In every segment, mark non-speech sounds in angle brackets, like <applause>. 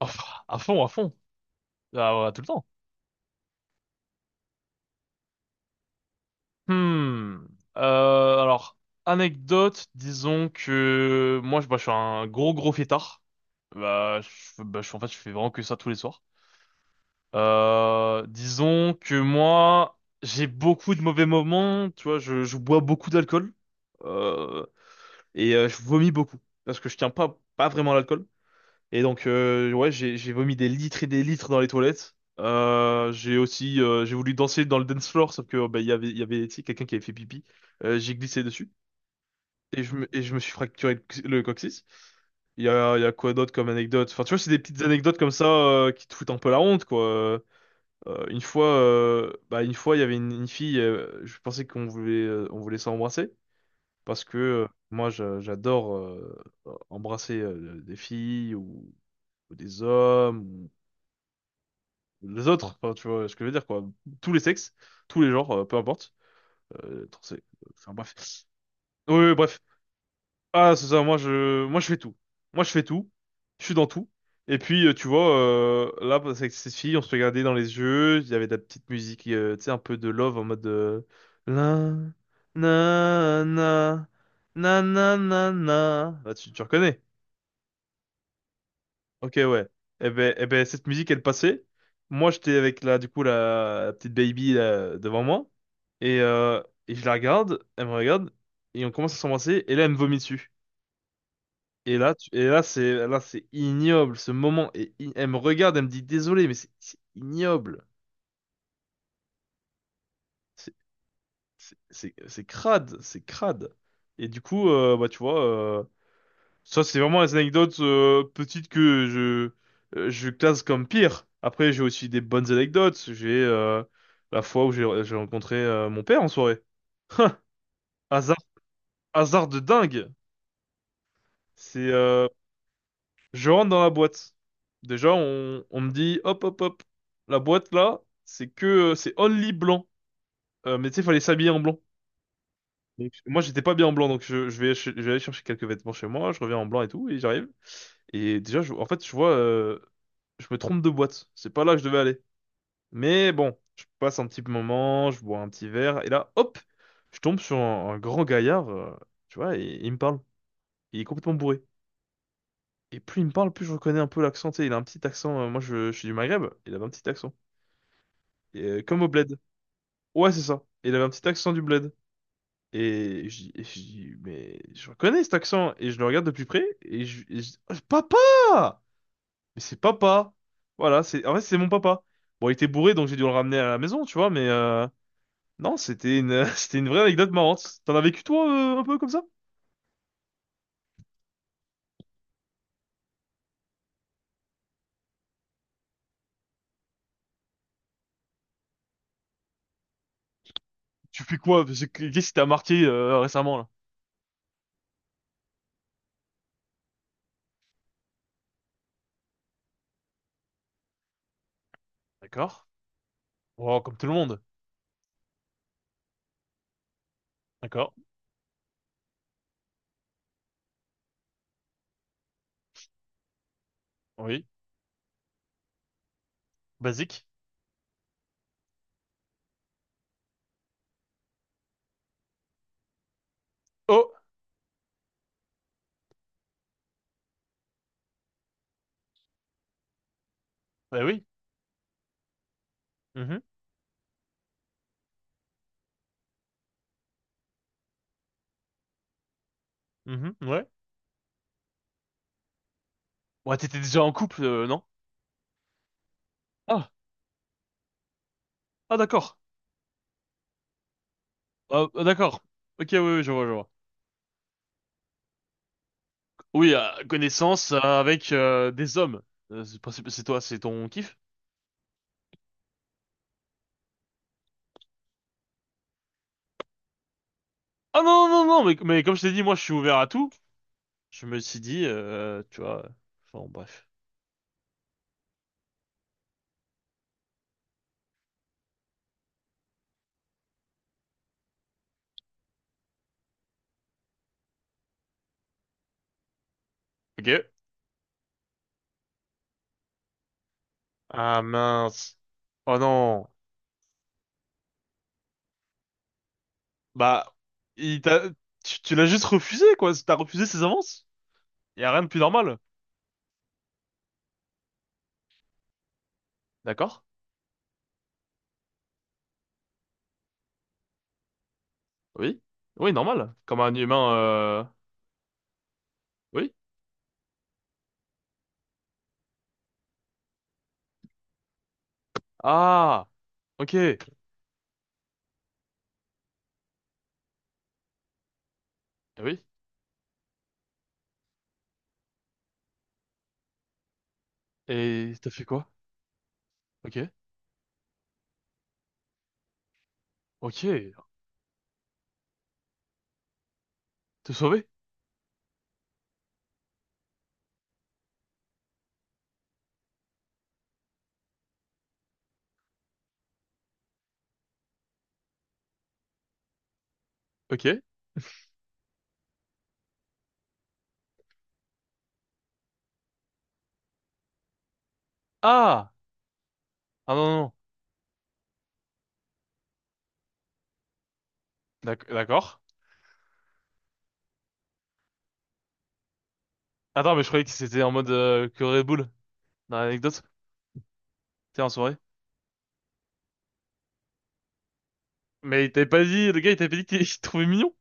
Oh, à fond, à fond. Ah ouais, tout le temps. Hmm. Alors, anecdote, disons que moi, je suis un gros, gros fêtard. En fait, je fais vraiment que ça tous les soirs. Disons que moi, j'ai beaucoup de mauvais moments. Tu vois, je bois beaucoup d'alcool. Euh, et je vomis beaucoup. Parce que je tiens pas vraiment à l'alcool. Et donc, ouais, j'ai vomi des litres et des litres dans les toilettes. J'ai aussi, j'ai voulu danser dans le dance floor, sauf que oh, bah, il y avait, tu sais, quelqu'un qui avait fait pipi. J'ai glissé dessus et je me suis fracturé le coccyx. Il y a quoi d'autre comme anecdote? Enfin, tu vois, c'est des petites anecdotes comme ça, qui te foutent un peu la honte, quoi. Une fois, il y avait une fille. Je pensais qu'on voulait s'embrasser parce que moi, j'adore embrasser des filles ou des hommes les autres, enfin, tu vois ce que je veux dire, quoi. Tous les sexes, tous les genres, peu importe. Euh, trans- euh, enfin, bref. Oui, oui, bref. Ah, c'est ça, moi je fais tout. Moi je fais tout. Je suis dans tout. Et puis, tu vois, là, bah, avec ces filles on se regardait dans les yeux. Il y avait de la petite musique, tu sais, un peu de love en mode. La, na, na, na, na, na, na. Bah, tu reconnais. Ok, ouais. Eh ben, cette musique, elle passait. Moi, j'étais avec la petite baby là, devant moi. Et je la regarde, elle me regarde, et on commence à s'embrasser, et là, elle me vomit dessus. Et là, c'est ignoble, ce moment. Elle me regarde, elle me dit, désolé, mais c'est ignoble. C'est, c'est crade, c'est crade. Et du coup, bah, tu vois, ça, c'est vraiment les anecdotes petites que je classe comme pire. Après, j'ai aussi des bonnes anecdotes. J'ai la fois où j'ai rencontré mon père en soirée. Hein. Hasard, hasard de dingue. C'est, euh, je rentre dans la boîte. Déjà, on me dit, hop, hop, hop. La boîte là, c'est only blanc. Mais tu sais, fallait s'habiller en blanc. Donc, moi, j'étais pas bien en blanc, donc je vais aller chercher quelques vêtements chez moi. Je reviens en blanc et tout, et j'arrive. Et déjà, en fait, je vois, je me trompe de boîte. C'est pas là que je devais aller. Mais bon, je passe un petit moment, je bois un petit verre, et là, hop, je tombe sur un grand gaillard, tu vois, et il me parle. Il est complètement bourré. Et plus il me parle, plus je reconnais un peu l'accent. Tu sais, il a un petit accent. Moi, je suis du Maghreb. Il avait un petit accent. Et, comme au bled. Ouais, c'est ça. Il avait un petit accent du bled. Et je dis, mais je reconnais cet accent. Et je le regarde de plus près. Et je dis, oh, papa! Mais c'est papa. Voilà, c'est en fait c'est mon papa. Bon, il était bourré donc j'ai dû le ramener à la maison, tu vois, mais non, c'était une <laughs> c'était une vraie anecdote marrante. T'en as vécu toi, un peu comme ça? Tu fais quoi? Qu'est-ce qui t'a marqué récemment là? D'accord. Oh, comme tout le monde. D'accord. Oui. Basique. Oh, bah oui. Mhm. Mhm. Ouais. Ouais, t'étais déjà en couple, non? Ah, ah d'accord. Ah, ah, d'accord. Ok, oui, oui, je vois, je vois. Oui, connaissance avec des hommes. C'est pas- c'est toi, c'est ton kiff? Ah non, non, non, mais comme je t'ai dit, moi je suis ouvert à tout. Je me suis dit, tu vois, enfin bref. Ok. Ah mince. Oh non. Bah, il t'a, tu l'as juste refusé, quoi. T'as refusé ses avances. Y a rien de plus normal. D'accord? Oui. Oui, normal. Comme un humain. Oui. Ah, ok. Oui. Et t'as fait quoi? Ok. Ok. Te sauver? Ok. Ah! Ah non, non. Non. D'accord. Attends, mais je croyais que c'était en mode que Red Bull, dans l'anecdote. T'es en soirée. Mais il t'avait pas dit, le gars, il t'avait pas dit qu'il <laughs> qu'il te trouvait mignon?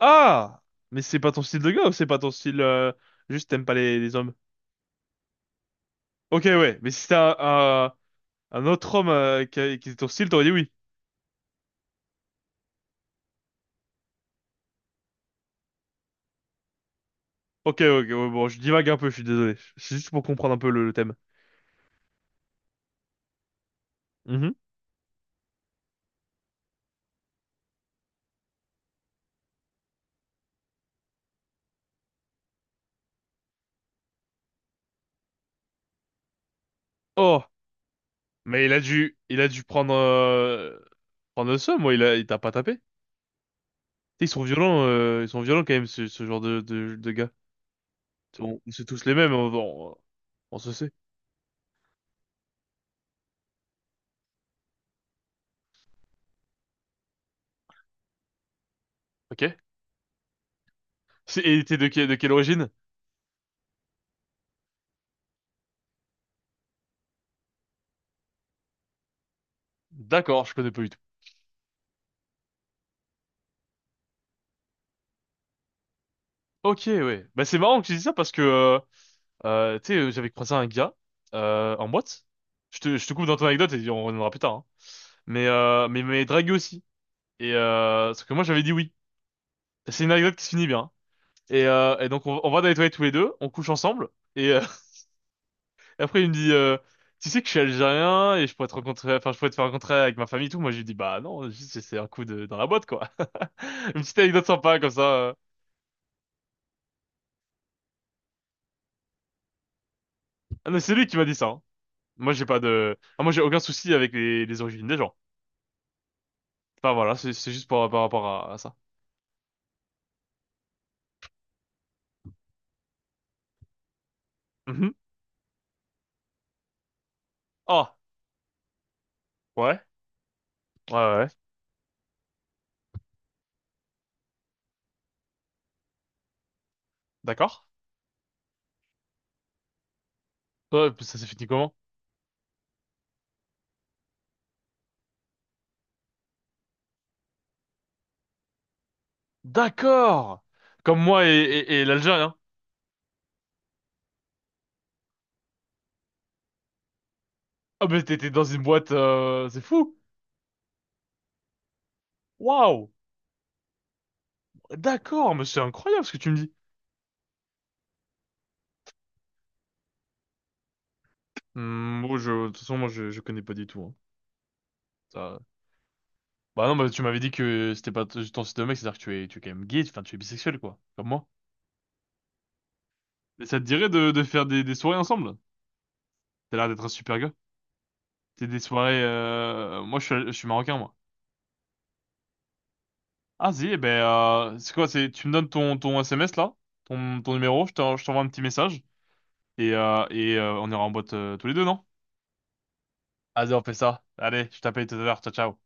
Ah! Mais c'est pas ton style de gars ou c'est pas ton style, juste t'aimes pas les hommes? Ok, ouais. Mais si c'était un autre homme, qui était ton style, t'aurais dit oui. Ok, ok, ouais, bon, je divague un peu, je suis désolé. C'est juste pour comprendre un peu le thème. Mhm. Oh! Mais il a dû prendre le seum, moi, il t'a pas tapé. Tu sais, ils sont violents quand même, ce genre de gars. C'est tous les mêmes, on se sait. Ok? Et t'es de quelle origine? D'accord, je connais pas du tout. Ok, ouais. Bah c'est marrant que tu dis ça parce que tu sais, j'avais croisé un gars en boîte. Je te coupe dans ton anecdote et on reviendra plus tard, hein. Mais il m'avait dragué aussi. Et parce que moi j'avais dit oui. C'est une anecdote qui se finit bien. Et donc on va dans les toilettes tous les deux, on couche ensemble. Et<laughs> et après il me dit, tu sais que je suis algérien et je pourrais te rencontrer, enfin je pourrais te faire rencontrer avec ma famille et tout. Moi je lui dis bah non, juste c'est un coup de dans la boîte quoi. <laughs> Une petite anecdote sympa comme ça. Ah non, c'est lui qui m'a dit ça, hein. Moi, j'ai pas de, ah, moi, j'ai aucun souci avec les origines des gens. Enfin, voilà, c'est juste par rapport à ça. Mhm. Ah, ouais, ouais, ouais, ouais. D'accord. Ouais, puis ça s'est fini comment? D'accord! Comme moi et l'Algérien. Ah, mais t'étais dans une boîte, c'est fou! Waouh! D'accord, mais c'est incroyable ce que tu me dis. Hmm, bon, de toute façon, moi, je connais pas du tout, hein. Ça- Bah non, bah tu m'avais dit que c'était pas ton style de mec, c'est-à-dire que tu es quand même gay, enfin, tu es bisexuel, quoi. Comme moi. Mais ça te dirait de faire des soirées ensemble? T'as l'air d'être un super gars. C'est des soirées. Moi, je suis marocain, moi. Ah, si, eh ben, c'est quoi? C'est, tu me donnes ton SMS là, ton numéro, je t'envoie un petit message et on ira en boîte tous les deux, non? Allez, on fait ça. Allez, je t'appelle tout à l'heure. Ciao, ciao.